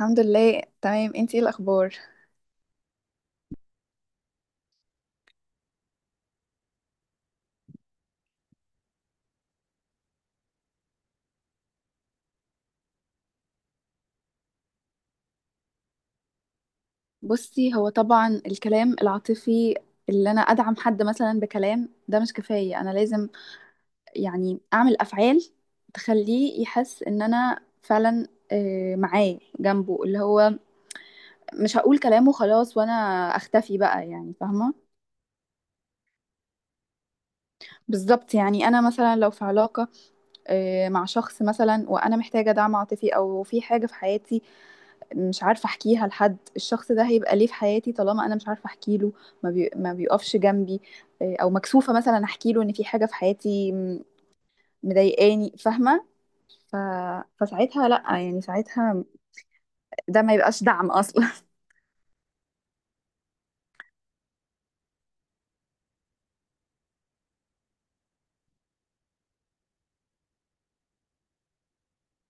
الحمد لله تمام، انتي ايه الاخبار؟ بصي، هو طبعا الكلام العاطفي اللي انا ادعم حد مثلا بكلام ده مش كفايه، انا لازم يعني اعمل افعال تخليه يحس ان انا فعلا معاه جنبه. اللي هو مش هقول كلامه خلاص وانا اختفي بقى، يعني فاهمه. بالظبط. يعني انا مثلا لو في علاقه مع شخص مثلا وانا محتاجه دعم عاطفي او في حاجه في حياتي مش عارفة أحكيها لحد، الشخص ده هيبقى ليه في حياتي طالما أنا مش عارفة أحكي له؟ ما بيقفش جنبي. أو مكسوفة مثلا أحكي له إن في حاجة في حياتي مضايقاني، فاهمة. ف... فساعتها لأ، يعني ساعتها ده ما يبقاش دعم أصلا.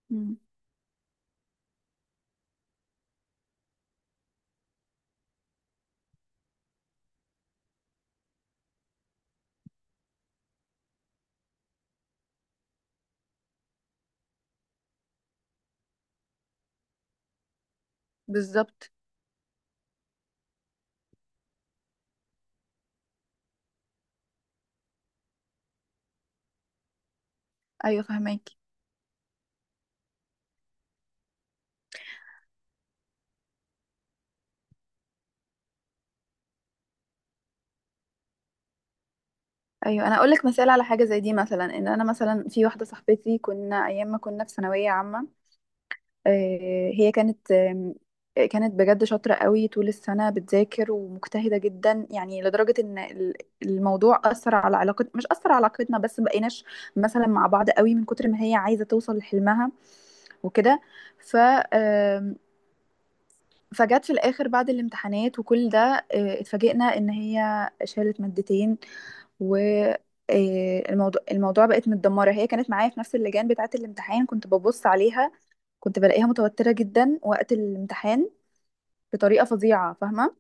مم. بالظبط. أيوة فهماكي. أيوة أنا أقولك مثال على حاجة زي دي، مثلا إن أنا مثلا في واحدة صاحبتي كنا أيام ما كنا في ثانوية عامة، هي كانت كانت بجد شاطرة قوي، طول السنة بتذاكر ومجتهدة جدا يعني، لدرجة ان الموضوع أثر على علاقة، مش أثر على علاقتنا بس مبقيناش مثلا مع بعض قوي من كتر ما هي عايزة توصل لحلمها وكده. ف آم، فجت في الآخر بعد الامتحانات وكل ده، اتفاجئنا ان هي شالت مادتين. و الموضوع بقت متدمرة. هي كانت معايا في نفس اللجان بتاعة الامتحان، كنت ببص عليها، كنت بلاقيها متوترة جدا وقت الامتحان بطريقة فظيعة، فاهمة.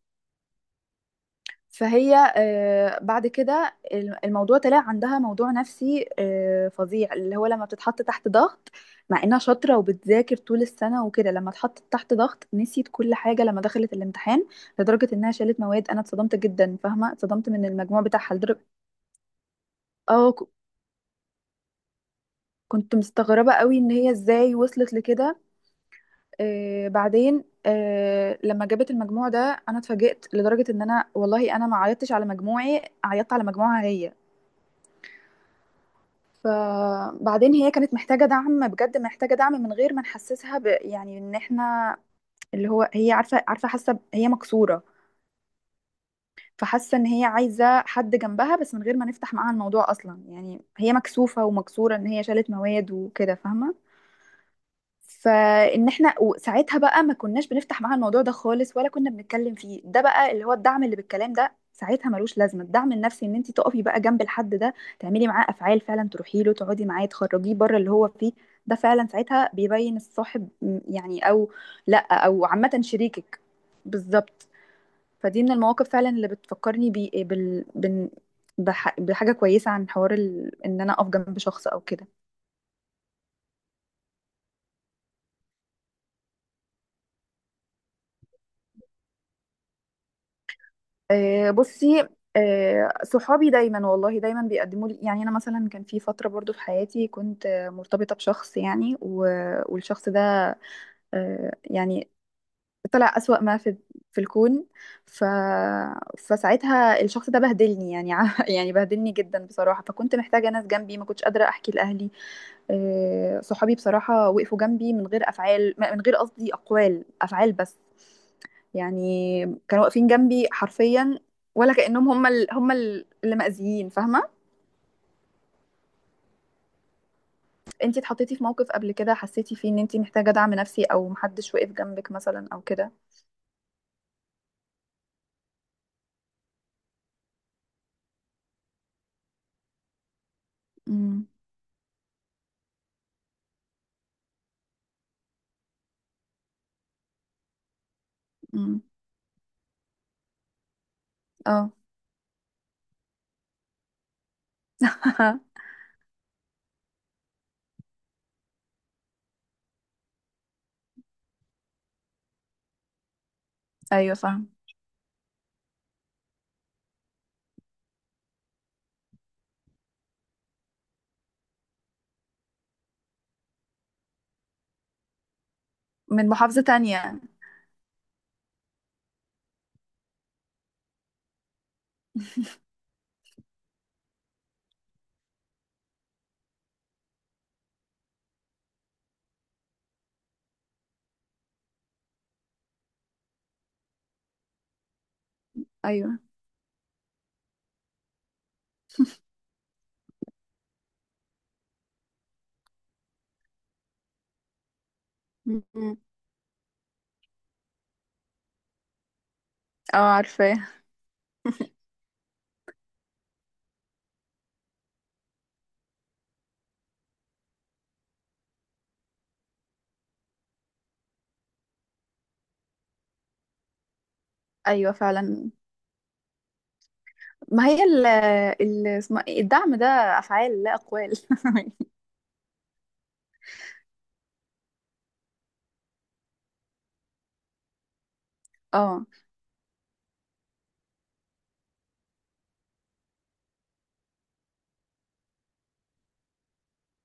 فهي بعد كده الموضوع طلع عندها موضوع نفسي فظيع، اللي هو لما بتتحط تحت ضغط، مع انها شاطرة وبتذاكر طول السنة وكده، لما اتحطت تحت ضغط نسيت كل حاجة لما دخلت الامتحان لدرجة انها شالت مواد. انا اتصدمت جدا، فاهمة، اتصدمت من المجموع بتاعها لدرجة اه ك- كنت مستغربة قوي ان هي ازاي وصلت لكده. آه بعدين آه لما جابت المجموع ده انا اتفاجئت لدرجه ان انا والله انا ما عيطتش على مجموعي، عيطت على مجموعها هي. فبعدين هي كانت محتاجه دعم بجد، محتاجه دعم من غير ما نحسسها يعني ان احنا، اللي هو هي عارفه حاسه هي مكسوره. فحاسه ان هي عايزه حد جنبها بس من غير ما نفتح معاها الموضوع اصلا، يعني هي مكسوفه ومكسوره ان هي شالت مواد وكده، فاهمه. فان احنا وساعتها بقى ما كناش بنفتح معاها الموضوع ده خالص ولا كنا بنتكلم فيه. ده بقى اللي هو الدعم اللي بالكلام، ده ساعتها ملوش لازمه. الدعم النفسي ان انت تقفي بقى جنب الحد ده، تعملي معاه افعال فعلا، تروحي له، تقعدي معاه، تخرجيه بره اللي هو فيه. ده فعلا ساعتها بيبين الصاحب يعني، او لا، او عامه شريكك. بالظبط. فدي من المواقف فعلا اللي بتفكرني بي بال بن بح بحاجه كويسه، عن حوار ان انا اقف جنب شخص او كده. بصي، صحابي دايما والله دايما بيقدموا لي. يعني انا مثلا كان في فتره برضو في حياتي كنت مرتبطه بشخص يعني، والشخص ده يعني طلع اسوأ ما في في الكون. ف... فساعتها الشخص ده بهدلني يعني يعني بهدلني جدا بصراحه، فكنت محتاجه ناس جنبي، ما كنتش قادره احكي لاهلي. صحابي بصراحة وقفوا جنبي من غير أفعال، من غير قصدي، أقوال أفعال بس. يعني كانوا واقفين جنبي حرفيا، ولا كأنهم اللي مأذيين، فاهمة. انتي اتحطيتي في موقف قبل كده حسيتي فيه ان انتي محتاجة دعم نفسي او محدش وقف جنبك مثلا او كده؟ امم. امم. اه. ايوه فاهم. من محافظة تانية. ايوه. أمم. اه عارفة. ايوه فعلا. ما هي ال اسمها إيه؟ الدعم ده افعال لا اقوال. اه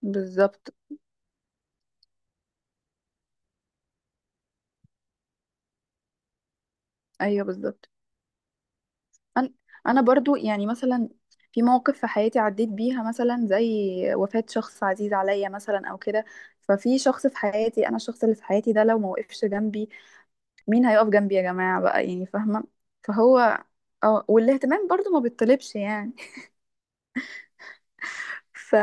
بالظبط. ايوه بالظبط. انا برضو يعني مثلا في مواقف في حياتي عديت بيها، مثلا زي وفاة شخص عزيز عليا مثلا او كده. ففي شخص في حياتي انا، الشخص اللي في حياتي ده لو ما وقفش جنبي مين هيقف جنبي يا جماعة بقى، يعني فاهمة. فهو اه والاهتمام برضو ما بيطلبش، يعني. فا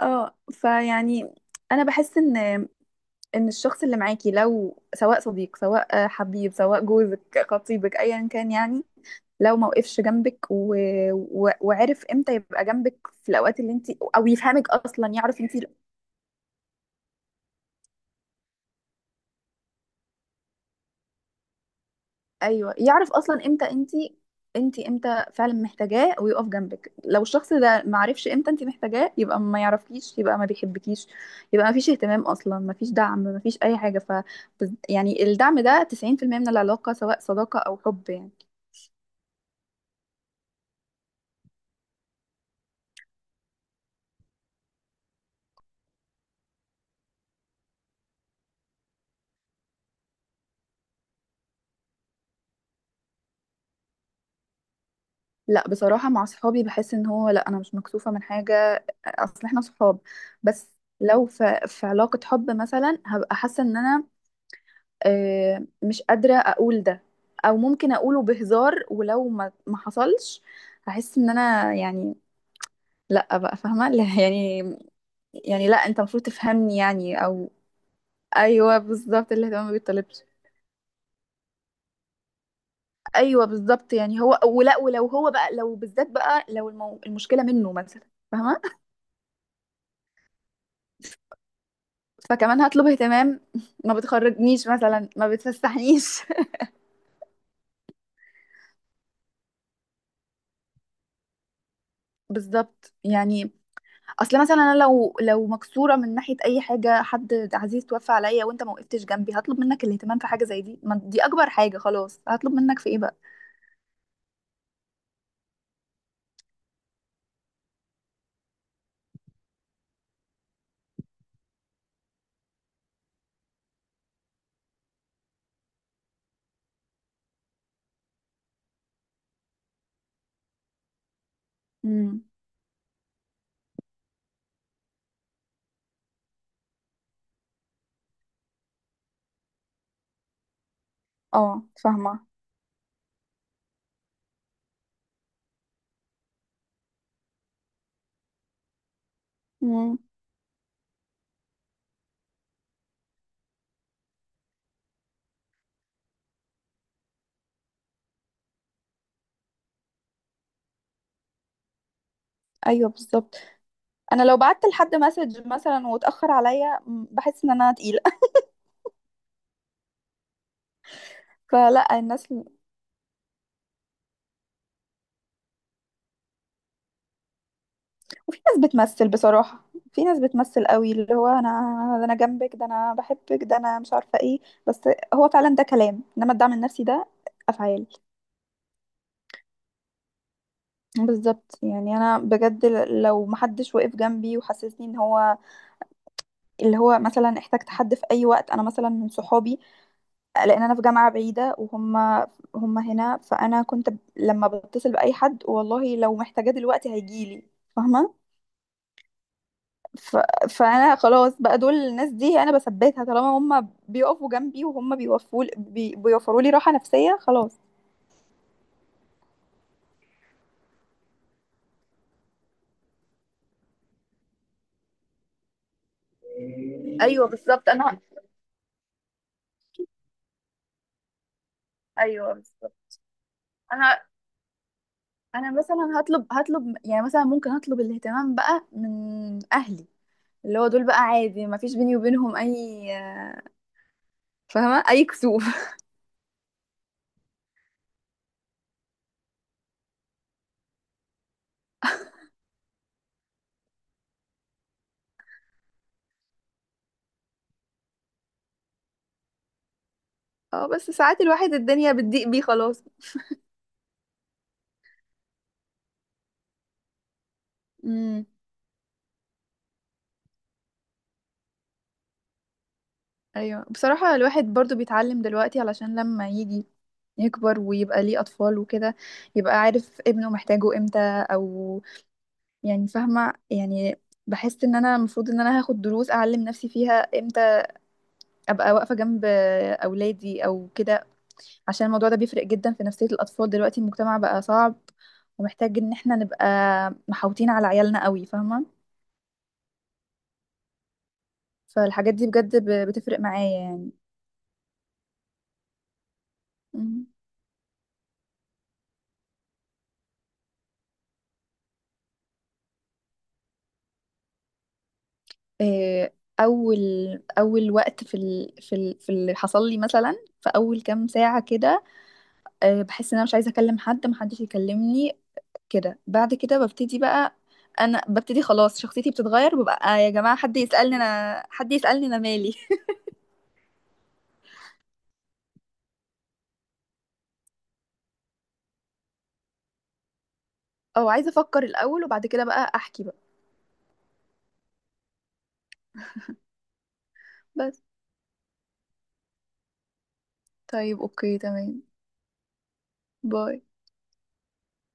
اه فيعني انا بحس ان الشخص اللي معاكي لو سواء صديق سواء حبيب سواء جوزك خطيبك ايا كان يعني، لو ما وقفش جنبك وعرف امتى يبقى جنبك في الاوقات اللي انت، او يفهمك اصلا يعرف انت. ايوه يعرف اصلا امتى انت انت امتى فعلا محتاجاه ويقف جنبك. لو الشخص ده ما عرفش امتى انت محتاجاه يبقى ما يعرفكيش، يبقى ما بيحبكيش، يبقى ما فيش اهتمام اصلا، ما فيش دعم، ما فيش اي حاجه. يعني الدعم ده 90% من العلاقه سواء صداقه او حب، يعني. لا بصراحة مع صحابي بحس ان هو لا، انا مش مكسوفة من حاجة، اصل احنا صحاب. بس لو في علاقة حب مثلا هبقى حاسة ان انا مش قادرة اقول ده، او ممكن اقوله بهزار ولو ما حصلش هحس ان انا يعني لا بقى، فاهمة، لا، يعني، يعني لا انت المفروض تفهمني يعني او. ايوه بالظبط، الاهتمام ما بيطلبش. ايوه بالظبط يعني هو، ولا ولو هو بقى، لو بالذات بقى لو المشكلة منه مثلا، فاهمة. فكمان هطلب اهتمام. ما بتخرجنيش مثلا، ما بتفسحنيش. بالظبط يعني. اصل مثلا انا لو مكسوره من ناحيه اي حاجه، حد عزيز توفى عليا وانت ما وقفتش جنبي هطلب منك الاهتمام في حاجه زي دي؟ ما دي اكبر حاجه، خلاص هطلب منك في ايه بقى. امم، اه، فاهمه. امم. ايوه بالظبط. انا لو بعت لحد مسج مثلا واتاخر عليا بحس ان انا تقيله. فلا الناس. وفي ناس بتمثل بصراحة، في ناس بتمثل قوي اللي هو انا، ده أنا جنبك، ده انا بحبك، ده انا مش عارفة ايه. بس هو فعلا ده كلام، انما الدعم النفسي ده افعال. بالظبط يعني انا بجد لو محدش وقف جنبي وحسسني ان هو، اللي هو مثلا احتجت حد في اي وقت انا مثلا من صحابي لان انا في جامعة بعيدة وهم هنا، فانا كنت لما بتصل باي حد والله لو محتاجاه دلوقتي هيجيلي، فاهمة. ف... فانا خلاص بقى دول الناس دي انا بثبتها، طالما هم بيقفوا جنبي وهم بيوفروا لي راحة نفسية خلاص. ايوه بالظبط انا. ايوه بالظبط انا انا مثلا هطلب هطلب، يعني مثلا ممكن اطلب الاهتمام بقى من اهلي، اللي هو دول بقى عادي، ما فيش بيني وبينهم فاهمه اي كسوف. اه بس ساعات الواحد الدنيا بتضيق بيه خلاص. امم. ايوه بصراحة الواحد برضو بيتعلم دلوقتي علشان لما يجي يكبر ويبقى ليه اطفال وكده يبقى عارف ابنه محتاجه امتى، او يعني فاهمة يعني، بحس ان انا المفروض ان انا هاخد دروس اعلم نفسي فيها امتى ابقى واقفة جنب اولادي او كده، عشان الموضوع ده بيفرق جدا في نفسية الاطفال. دلوقتي المجتمع بقى صعب، ومحتاج ان احنا نبقى محاوطين على عيالنا قوي، فاهمة. فالحاجات دي بجد بتفرق معايا، يعني. آه، اول اول وقت في اللي حصل لي مثلا، في اول كام ساعه كده بحس ان انا مش عايزه اكلم حد، محدش يكلمني كده. بعد كده ببتدي بقى، انا ببتدي خلاص شخصيتي بتتغير وببقى يا جماعه حد يسالني انا، حد يسالني انا مالي. او عايزه افكر الاول وبعد كده بقى احكي بقى. بس طيب، اوكي تمام. باي.